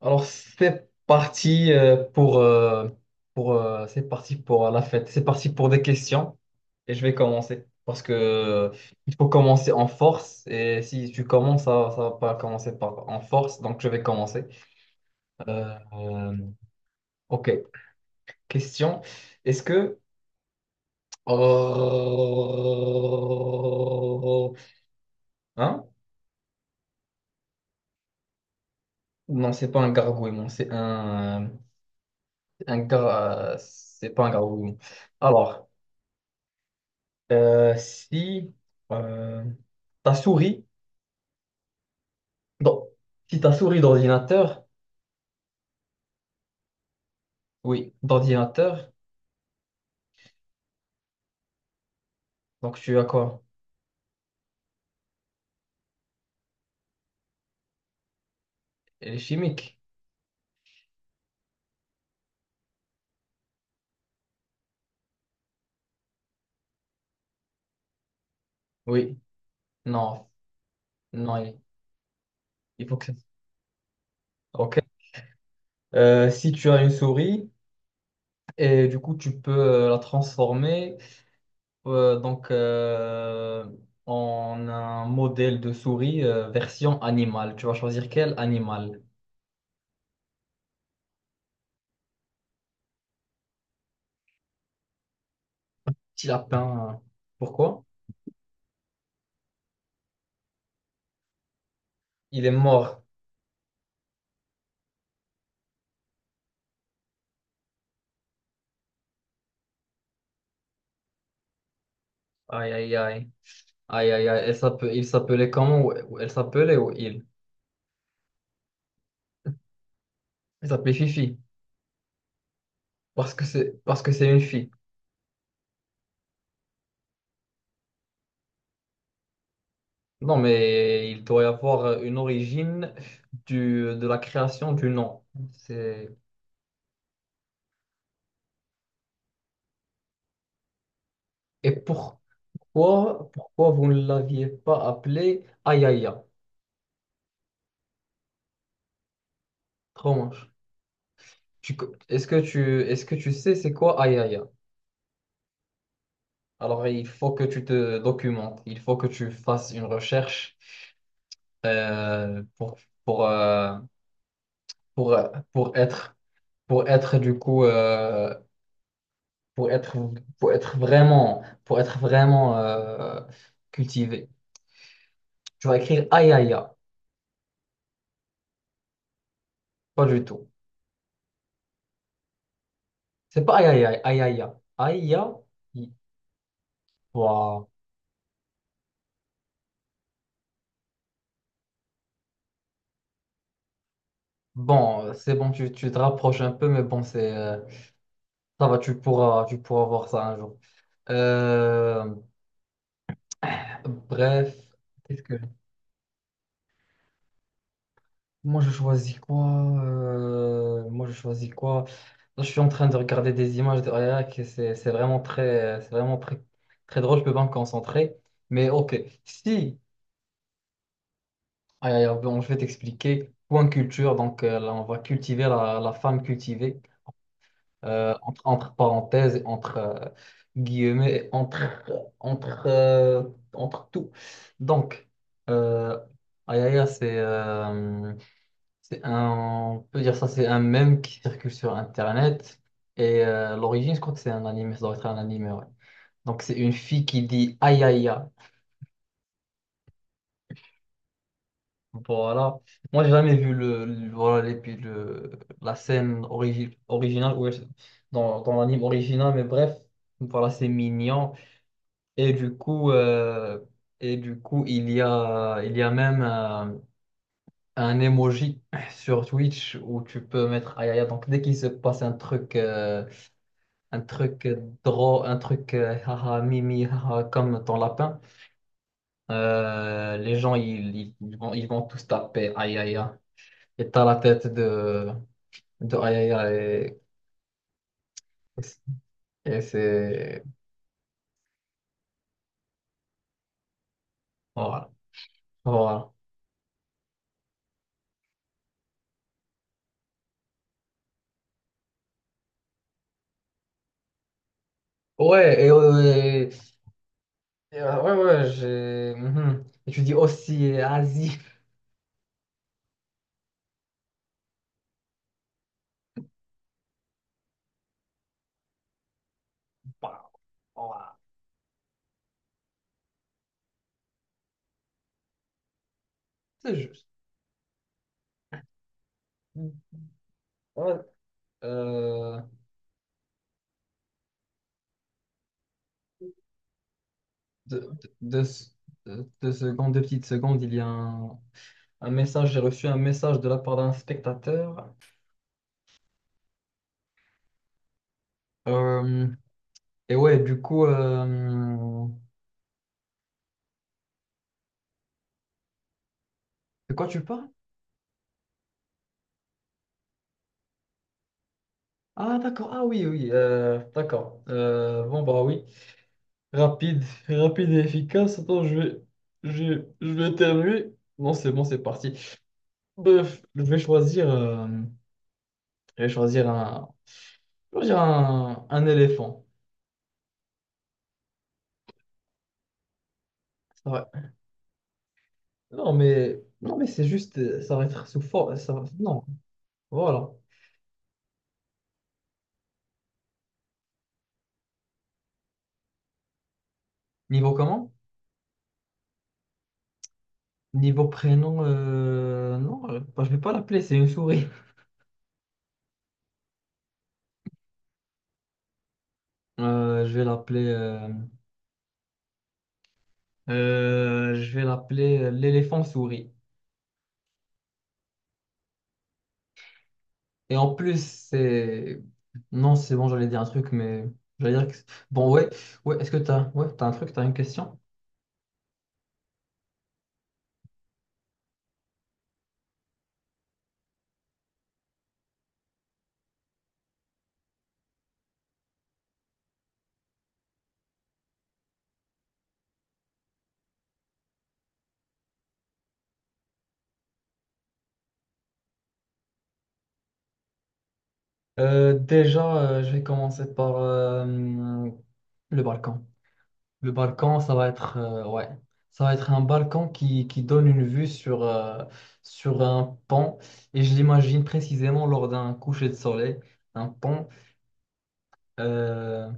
Alors, c'est parti pour la fête. C'est parti pour des questions et je vais commencer parce que il faut commencer en force, et si tu commences, ça va pas commencer par en force, donc je vais commencer. Euh, euh, ok, question. Est-ce que Oh. Hein? Non, c'est pas un gargouillement, c'est un, c'est pas un gargouillement. Alors. Si euh, ta souris, dans- si ta souris d'ordinateur, oui, d'ordinateur, donc tu as quoi? Elle est chimique? Oui, non, non, il faut que ça. Ok. Si tu as une souris, et du coup tu peux la transformer, euh, donc euh, en un modèle de souris, version animale. Tu vas choisir quel animal? Petit lapin. Pourquoi? Il est mort. Aïe aïe aïe. Aïe, aïe, aïe, il s'appelait comment? Ou elle s'appelait, ou il? Il s'appelait Fifi, parce que c'est une fille. Non, mais il doit y avoir une origine de la création du nom. C'est... Et pourquoi vous ne l'aviez pas appelé Ayaya? Trop moche. Est-ce que tu sais c'est quoi Ayaya? Alors, il faut que tu te documentes, il faut que tu fasses une recherche, euh, pour, pour, euh, pour, pour être. pour être du coup euh, pour être pour être vraiment cultivé. Tu vas écrire aïe aïe aïe. Pas du tout. C'est pas aïe aïe aïe aïe aïe aïe aïe. Aïe. Waouh. Bon, c'est bon, tu te rapproches un peu, mais bon, c'est ça va, tu pourras voir ça un jour. Euh, Bref. Qu'est-ce que Moi, je choisis quoi? Moi, je choisis quoi? Là, je suis en train de regarder des images de Ayak, et c'est vraiment très, c'est vraiment très, très drôle. Je peux pas me concentrer. Mais ok, si, aïe, aïe, aïe, bon, je vais t'expliquer. Point culture. Donc là, on va cultiver la femme cultivée, entre, entre parenthèses, entre guillemets, entre tout. Donc, euh, aïe, aïe, aïe, c'est un, on peut dire ça, c'est un mème qui circule sur Internet. Et l'origine, je crois que c'est un anime, ça doit être un anime, ouais. Donc c'est une fille qui dit aïe aïe aïe. Voilà. Moi, j'ai jamais vu le, voilà, puis la scène originale, ouais, dans l'anime original, mais bref, voilà, c'est mignon. Et du coup, euh, et du coup, il y a même un emoji sur Twitch où tu peux mettre aïe aïe aïe. Donc dès qu'il se passe un truc, un truc drôle, un truc, haha, mimi, haha, comme ton lapin, les gens, ils vont tous taper aïe aïe aïe. Et t'as la tête de, aïe aïe aïe. Et c'est. Voilà. Voilà. Ouais. Ouais, ouais, j'ai. Mhm. Et tu dis aussi Asie. Bah, voilà. C'est juste. Ouais. Euh, deux, deux, deux secondes, deux petites secondes, il y a un. Un message, j'ai reçu un message de la part d'un spectateur. Euh, et ouais, du coup, de quoi tu parles? Ah, d'accord, ah oui, oui, d'accord. Bon, bah oui, rapide, rapide et efficace. Attends, je, je vais éternuer. Non, c'est bon, c'est parti. Bref, je vais choisir un, je vais choisir un éléphant. Ça va- non, mais c'est juste, ça va être sous forme. Non, voilà. Niveau comment? Niveau prénom, non, bah, je vais pas l'appeler, c'est une souris. Euh, je vais l'appeler, euh, je vais l'appeler l'éléphant souris. Et en plus, c'est, non, c'est bon, j'allais dire un truc, mais j'allais dire que, bon, ouais, ouais, ouais, t'as un truc, t'as une question? Déjà, je vais commencer par le Balkan. Le balcon, ça va être un balcon qui, donne une vue sur, sur un pont. Et je l'imagine précisément lors d'un coucher de soleil, un pont. Euh,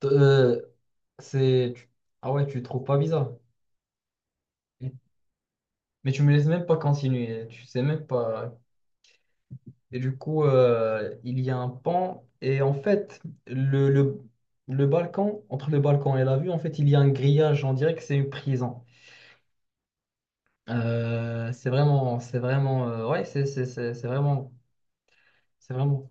t- euh, c'est, tu- ah ouais, tu le trouves pas bizarre. Mais tu me laisses même pas continuer, tu sais même pas. Et du coup, il y a un pont. Et en fait, le, le, le balcon, entre le balcon et la vue, en fait, il y a un grillage. On dirait que c'est une prison. C'est vraiment, ouais, c'est vraiment.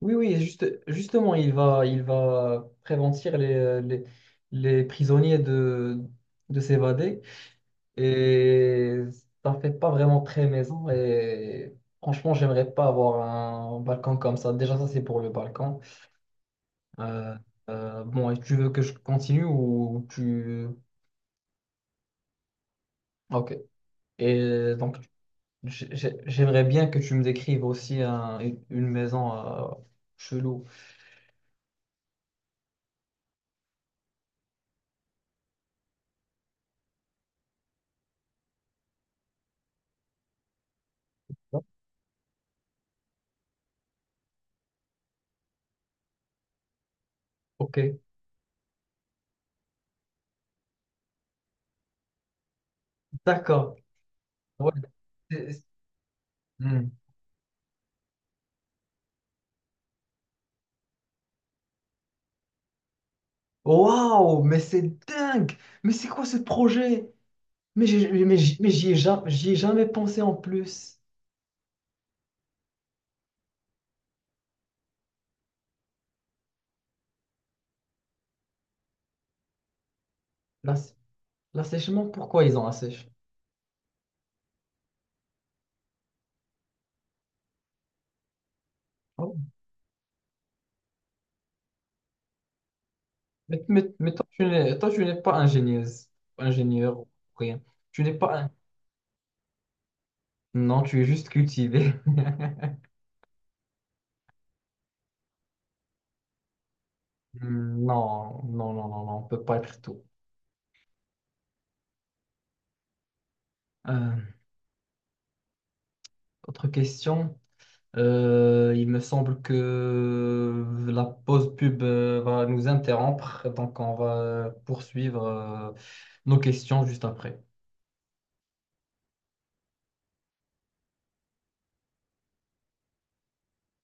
Oui, oui, justement, il va prévenir les prisonniers de, s'évader, et ça fait pas vraiment très maison, et franchement, j'aimerais pas avoir un balcon comme ça. Déjà, ça, c'est pour le balcon. Euh, bon, et tu veux que je continue ou tu... Ok. Et donc. J'aimerais bien que tu me décrives aussi une maison chelou. Ok, d'accord. Ouais. C'est- hmm. Waouh, mais c'est dingue! Mais c'est quoi ce projet? Mais j'y ai jamais pensé en plus. L'ass- L'assèchement, pourquoi ils ont assèché? Oh. Mais, mais toi, toi, tu n'es pas ingénieuse, ingénieur, rien. Tu n'es pas un- Non, tu es juste cultivé. Non, non, non, non, non, on peut pas être tout. Euh, Autre question. Il me semble que la pause pub va nous interrompre, donc on va poursuivre nos questions juste après.